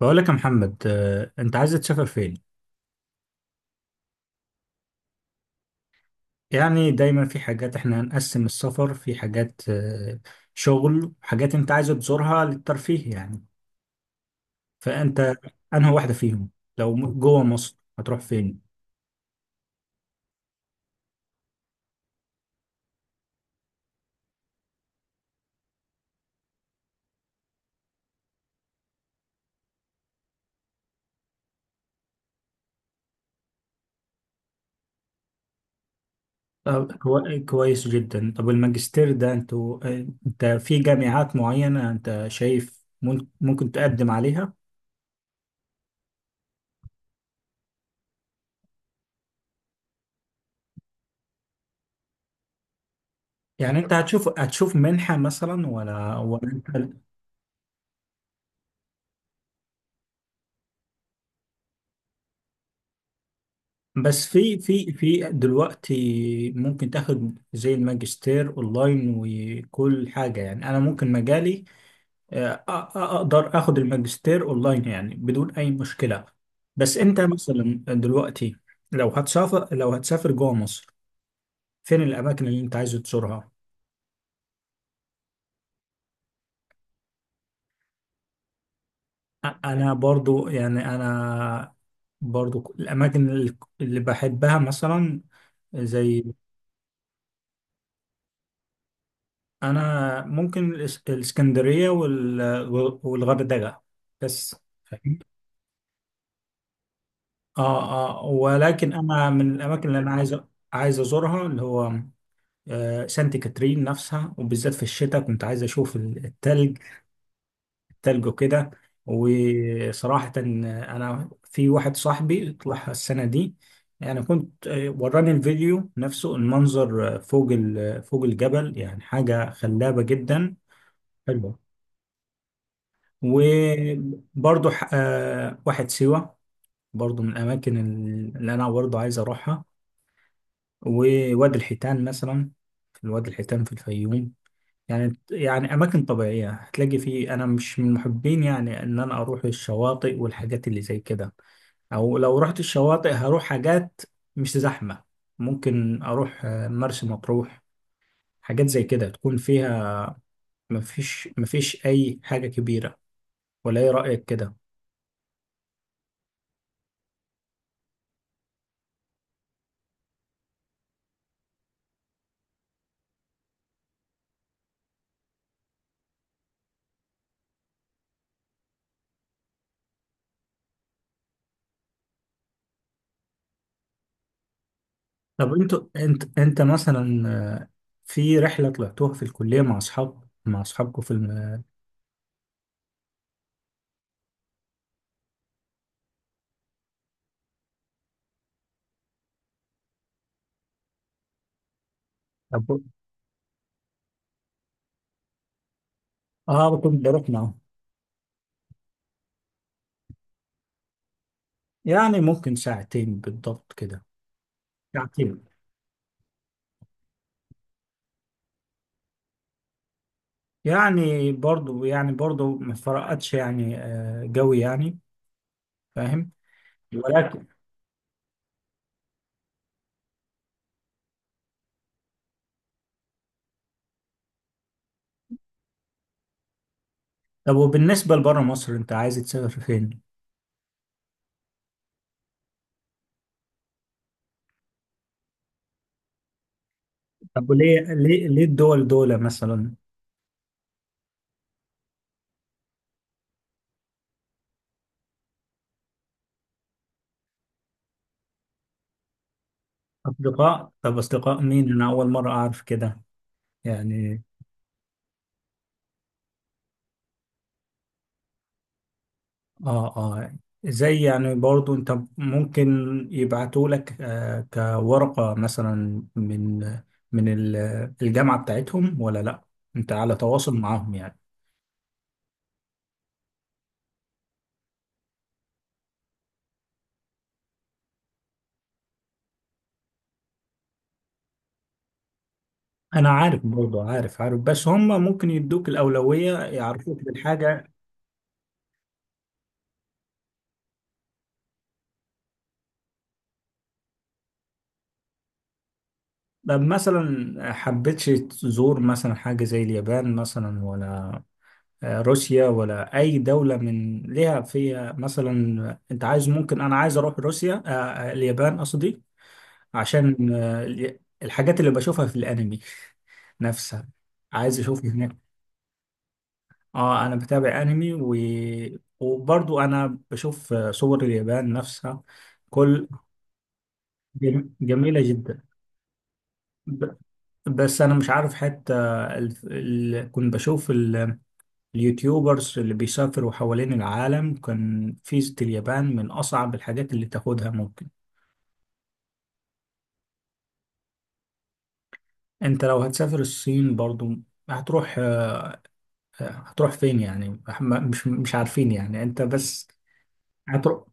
بقول لك يا محمد، انت عايز تسافر فين؟ يعني دايما في حاجات، احنا هنقسم السفر في حاجات، شغل، حاجات انت عايز تزورها للترفيه يعني. فانت انهي واحدة فيهم؟ لو جوه مصر هتروح فين؟ طب كويس جدا. طب الماجستير ده انتوا، انت في جامعات معينة انت شايف ممكن تقدم عليها؟ يعني انت هتشوف منحة مثلا ولا انت؟ بس في دلوقتي ممكن تاخد زي الماجستير اونلاين وكل حاجه. يعني انا ممكن مجالي اقدر اخد الماجستير اونلاين يعني بدون اي مشكله. بس انت مثلا دلوقتي لو هتسافر جوه مصر، فين الاماكن اللي انت عايز تزورها؟ انا برضو يعني انا برضو الاماكن اللي بحبها مثلا، زي... انا ممكن الاسكندريه والغردقه بس. فاهم؟ اه اه، ولكن انا من الاماكن اللي انا عايز ازورها، اللي هو آه سانت كاترين نفسها، وبالذات في الشتاء كنت عايز اشوف التلج التلج وكده. وصراحه انا في واحد صاحبي طلع السنه دي، يعني كنت، وراني الفيديو نفسه، المنظر فوق الجبل، يعني حاجه خلابه جدا. وبرضو واحد سيوة، برضو من الأماكن اللي أنا برضو عايز أروحها، ووادي الحيتان مثلا. في وادي الحيتان في الفيوم. يعني أماكن طبيعية هتلاقي فيه. أنا مش من محبين يعني إن أنا أروح الشواطئ والحاجات اللي زي كده. أو لو رحت الشواطئ هروح حاجات مش زحمة. ممكن أروح مرسى مطروح، حاجات زي كده تكون فيها مفيش أي حاجة كبيرة. ولا إيه رأيك كده؟ طب انت مثلا آه، في رحله طلعتوها في الكليه مع اصحابكم في طب- اه، كنت بروح معاهم. يعني ممكن ساعتين بالضبط كده. ساعتين، يعني برضو ما فرقتش يعني، جوي يعني. فاهم؟ ولكن... طب وبالنسبه لبره مصر انت عايز تسافر فين؟ طب وليه ليه ليه الدول مثلا؟ اصدقاء؟ طب اصدقاء مين؟ انا اول مره اعرف كده يعني. اه اه، زي يعني برضو انت ممكن يبعتوا لك آه كورقة مثلا من الجامعة بتاعتهم، ولا لا انت على تواصل معاهم يعني؟ انا عارف، برضو عارف بس هم ممكن يدوك الأولوية، يعرفوك بالحاجة. طب مثلا حبيتش تزور مثلا حاجة زي اليابان مثلا، ولا روسيا، ولا أي دولة من ليها فيها مثلا. أنت عايز... ممكن أنا عايز أروح روسيا، اليابان قصدي، عشان الحاجات اللي بشوفها في الانمي نفسها، عايز اشوف هناك. اه انا بتابع انمي و... وبرضو انا بشوف صور اليابان نفسها. كل... جميلة جدا. ب... بس انا مش عارف حتى كنت بشوف اليوتيوبرز اللي بيسافروا حوالين العالم، كان فيزة اليابان من اصعب الحاجات اللي تاخدها ممكن. انت لو هتسافر الصين برضو هتروح هتروح فين يعني؟ مش عارفين يعني، انت بس هتروح.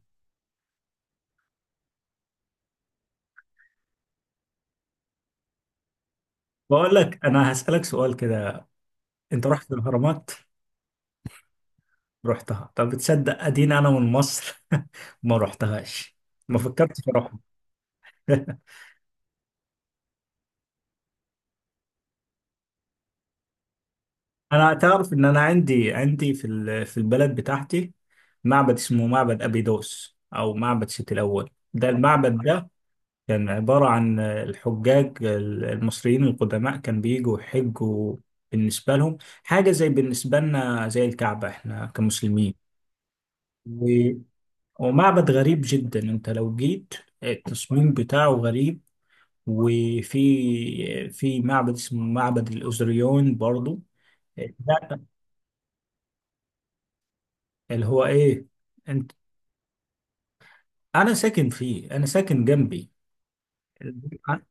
بقول لك، انا هسألك سؤال كده. انت رحت الاهرامات؟ رحتها؟ طب بتصدق اديني انا من مصر ما رحتهاش؟ ما فكرتش اروحها. انا تعرف ان انا عندي في في البلد بتاعتي معبد اسمه معبد ابيدوس او معبد سيتي الاول. ده المعبد ده كان عبارة عن الحجاج المصريين القدماء، كان بيجوا يحجوا، بالنسبة لهم حاجة زي بالنسبة لنا زي الكعبة احنا كمسلمين. و- ومعبد غريب جدا. انت لو جيت التصميم بتاعه غريب. في معبد اسمه معبد الأوزريون برضو. ده اللي هو ايه، انت... انا ساكن فيه، انا ساكن جنبي. اه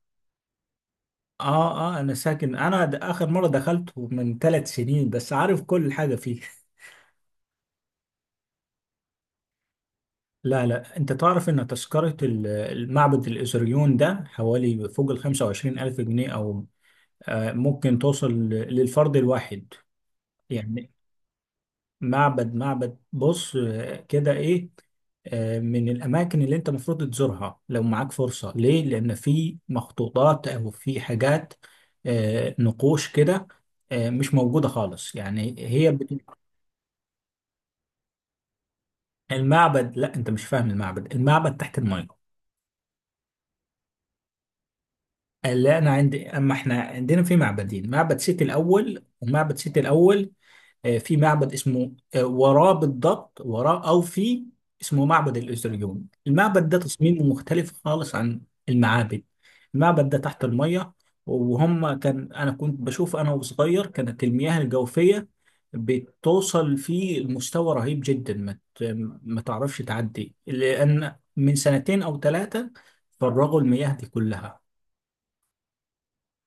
اه، انا ساكن، انا اخر مره دخلته من ثلاث سنين، بس عارف كل حاجه فيه. لا انت تعرف ان تذكرة المعبد الازريون ده حوالي فوق ال 25 الف جنيه، او ممكن توصل للفرد الواحد يعني. معبد بص، كده ايه، من الاماكن اللي انت المفروض تزورها لو معاك فرصة، ليه؟ لان في مخطوطات او في حاجات، نقوش كده، مش موجودة خالص يعني. هي المعبد... لا انت مش فاهم. المعبد تحت المية. لا انا عندي، اما احنا عندنا في معبدين، معبد سيتي الاول ومعبد سيتي الاول، في معبد اسمه، وراه بالضبط، وراه، او... في اسمه معبد الازريون. المعبد ده تصميمه مختلف خالص عن المعابد. المعبد ده تحت المية. وهم كان... انا كنت بشوف انا وصغير، كانت المياه الجوفية بتوصل فيه لمستوى رهيب جدا، ما ما تعرفش تعدي. لان من سنتين او ثلاثة فرغوا المياه دي كلها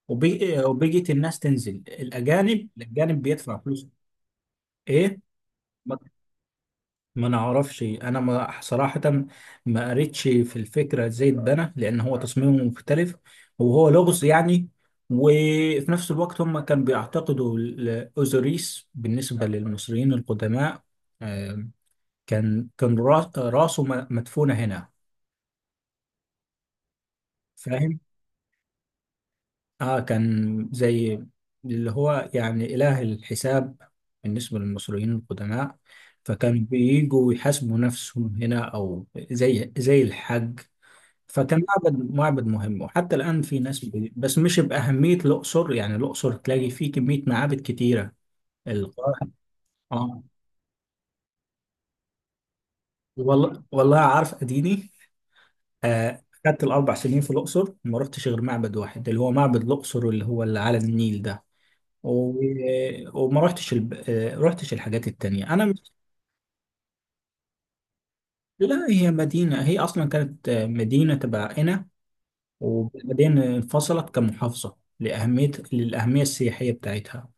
وبيجت الناس تنزل، الاجانب، بيدفع فلوس. ايه؟ ما ما نعرفش انا، ما صراحة ما قريتش في الفكرة ازاي اتبنى، لان هو تصميمه مختلف، وهو لغز يعني. وفي نفس الوقت هم كانوا بيعتقدوا الاوزوريس بالنسبة للمصريين القدماء، آه، كان راسه مدفونة هنا. فاهم؟ اه كان زي اللي هو يعني إله الحساب بالنسبة للمصريين القدماء، فكانوا بييجوا يحاسبوا نفسهم هنا، أو زي الحج. فكان معبد مهم، وحتى الآن في ناس بس مش بأهمية الأقصر يعني. الأقصر تلاقي فيه كمية معابد كتيرة. القاهرة... اه، والله عارف أديني آه خدت الأربع سنين في الأقصر ما رحتش غير معبد واحد، اللي هو معبد الأقصر، اللي هو اللي على النيل ده. و... وما رحتش الب... آه، رحتش الحاجات التانية. أنا مش... لا هي مدينة، هي أصلا كانت مدينة تبع قنا، وبعدين انفصلت كمحافظة للأهمية السياحية بتاعتها.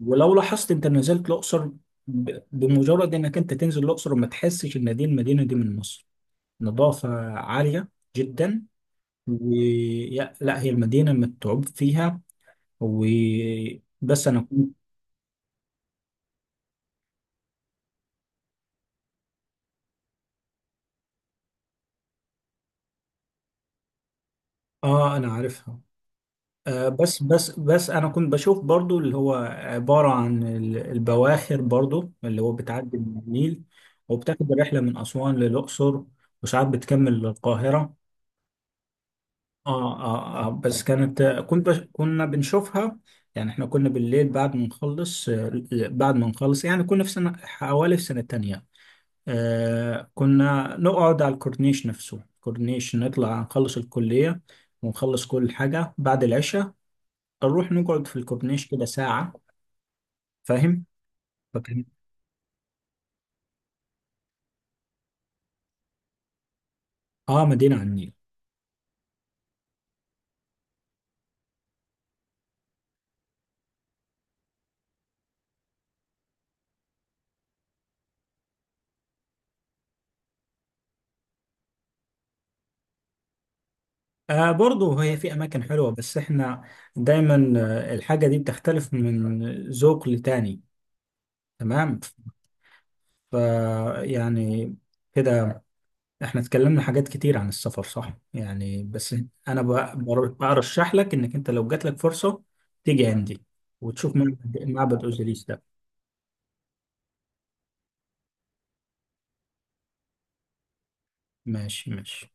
ولو لاحظت أنت نزلت الأقصر، بمجرد إنك أنت تنزل الأقصر، ما تحسش إن دي المدينة دي من مصر. نظافة عالية جدا. و... لا هي المدينة متعوب فيها. و... بس أنا كنت... آه أنا عارفها. آه، بس انا كنت بشوف برضو اللي هو عبارة عن البواخر برضو اللي هو بتعدي من النيل، وبتاخد الرحلة من أسوان للأقصر، وساعات بتكمل للقاهرة. اه بس كانت... كنت بش... كنا بنشوفها، يعني احنا كنا بالليل بعد ما نخلص، بعد ما نخلص يعني كنا في سنة حوالي في سنة تانية، آه كنا نقعد على الكورنيش نفسه، الكورنيش، نطلع نخلص الكلية ونخلص كل حاجة بعد العشاء، نروح نقعد في الكورنيش كده ساعة. فاهم؟ فكان... اه مدينة على النيل. آه برضه هي في أماكن حلوة، بس احنا دايما الحاجة دي بتختلف من ذوق لتاني. تمام؟ ف... يعني كده احنا اتكلمنا حاجات كتير عن السفر، صح؟ يعني بس أنا برشح لك إنك أنت لو جات لك فرصة تيجي عندي وتشوف معبد أوزيريس ده. ماشي ماشي.